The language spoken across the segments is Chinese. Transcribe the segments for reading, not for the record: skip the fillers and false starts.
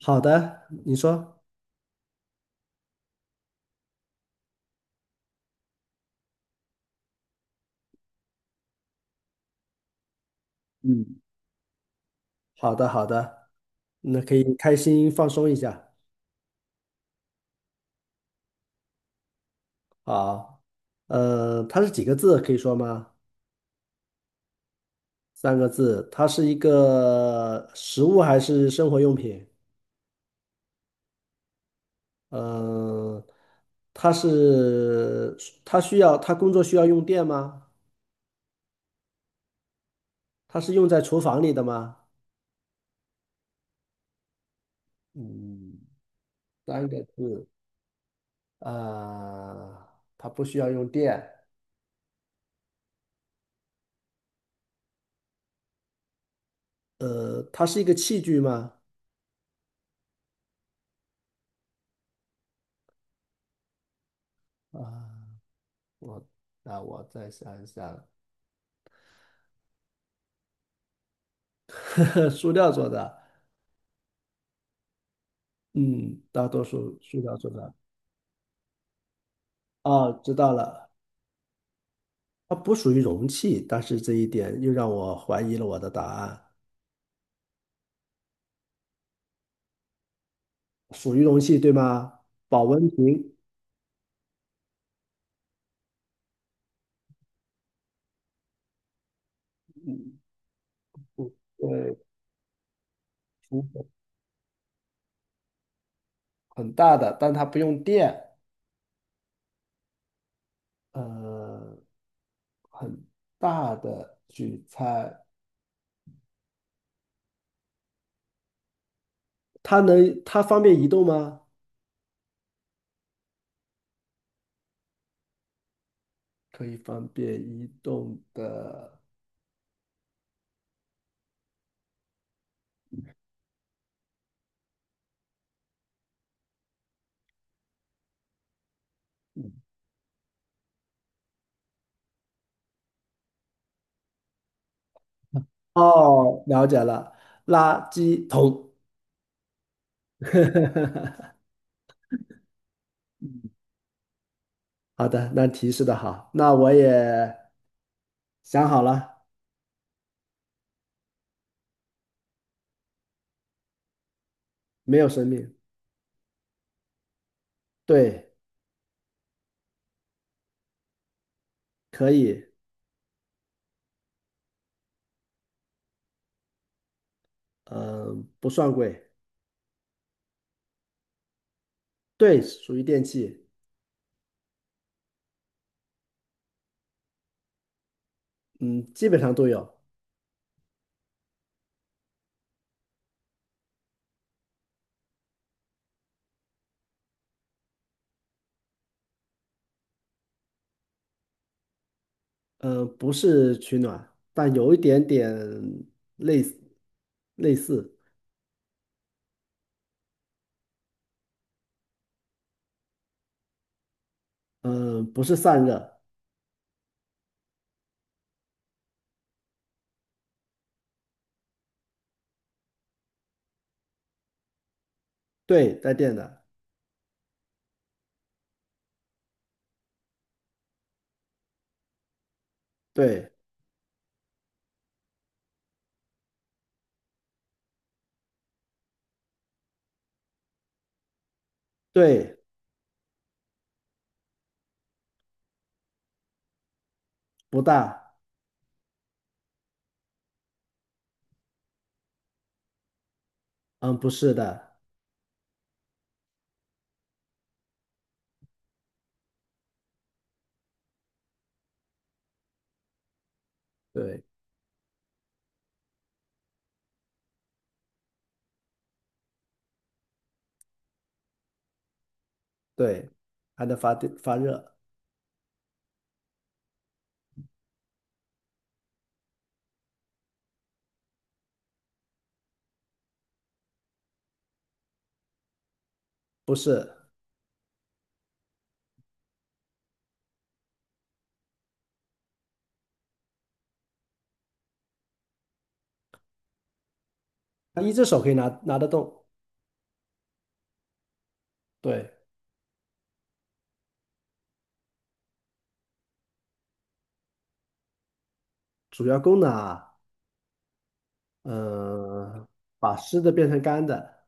好的，你说。嗯，好的，好的，那可以开心放松一下。好，它是几个字？可以说吗？三个字。它是一个食物还是生活用品？呃，它是，它需要，它工作需要用电吗？它是用在厨房里的吗？嗯，三个字。啊，它不需要用电。它是一个器具吗？啊。我那我再想一想。塑料做的，嗯，大多数塑料做的。哦，知道了，它不属于容器，但是这一点又让我怀疑了我的答案。属于容器，对吗？保温瓶，嗯，对，瓶子很大的，但它不用电。呃，很大的取材，它能，它方便移动吗？可以方便移动的。哦，了解了，垃圾桶。好的，那提示的好，那我也想好了。没有生命，对，可以，嗯、不算贵，对，属于电器，嗯，基本上都有，嗯、不是取暖，但有一点点类似，类似，嗯、不是散热，对，带电的，对，对，不大，嗯、不是的，对，对，还能发电发热，不是，一只手可以拿得动，对。主要功能啊，呃，把湿的变成干的。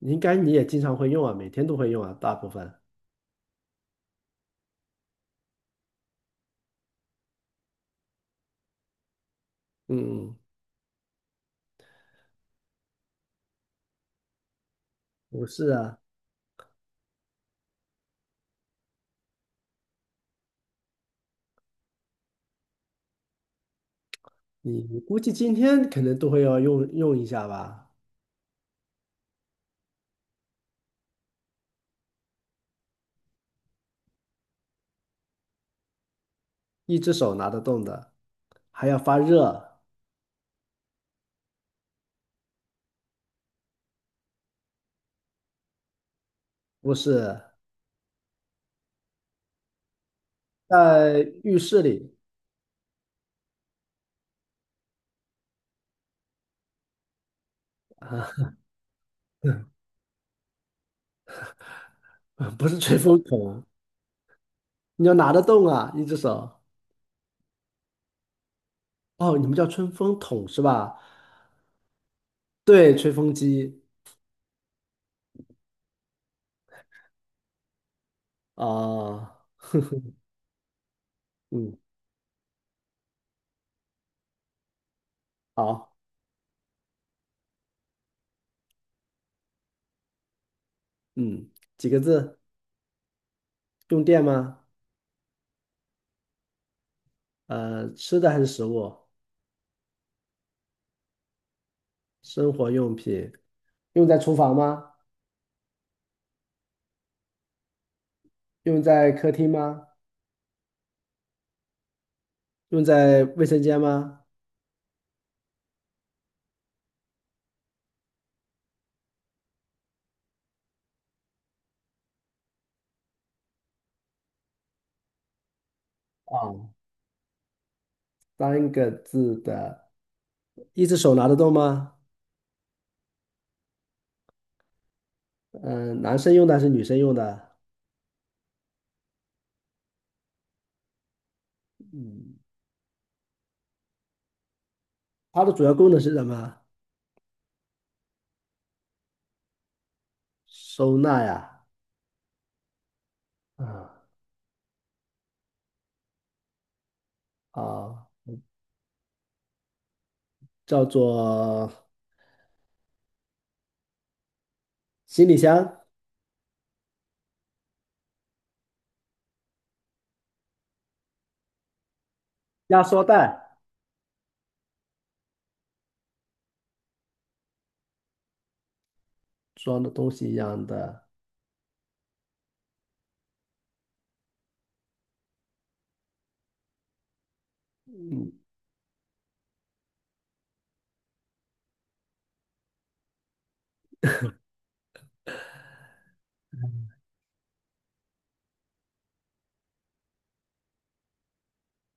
应该你也经常会用啊，每天都会用啊，大部分。嗯，不是啊，你你估计今天可能都会要用一下吧，一只手拿得动的，还要发热，不是，在浴室里啊。不是吹风筒，你要拿得动啊，一只手。哦，你们叫吹风筒是吧？对，吹风机啊。嗯，好，嗯，几个字？用电吗？呃，吃的还是食物，生活用品，用在厨房吗？用在客厅吗？用在卫生间吗？啊，三个字的，一只手拿得动吗？嗯、男生用的还是女生用的？它的主要功能是什么？收纳呀，啊啊，叫做行李箱、压缩袋，装的东西一样的。嗯，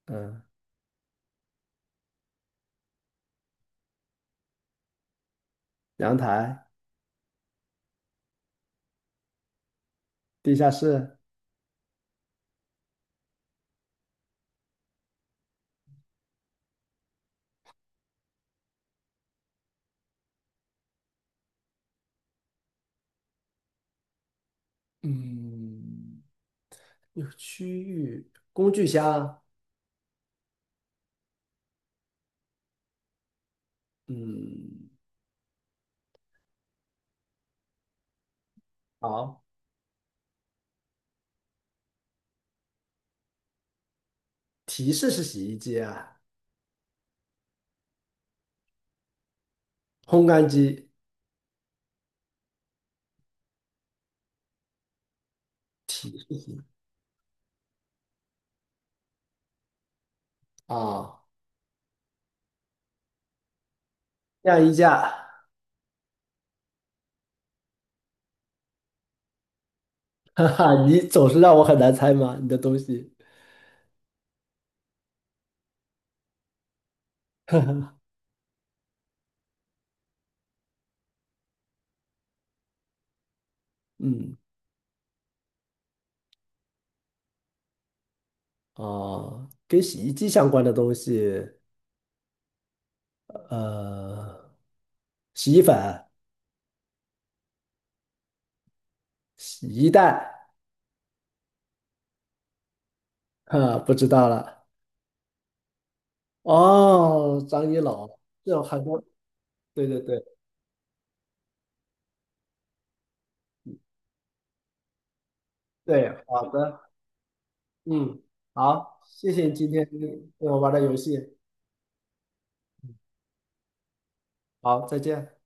呃阳台、地下室，嗯，一个区域工具箱，嗯，好，提示是洗衣机啊，烘干机啊，晾衣架。哈哈，你总是让我很难猜吗？你的东西，嗯，哦，跟洗衣机相关的东西，呃，洗衣粉、洗衣袋，哈，不知道了。哦，张一老，这有很多，对对对对，好的，嗯，好，谢谢你今天跟我玩的游戏，好，再见。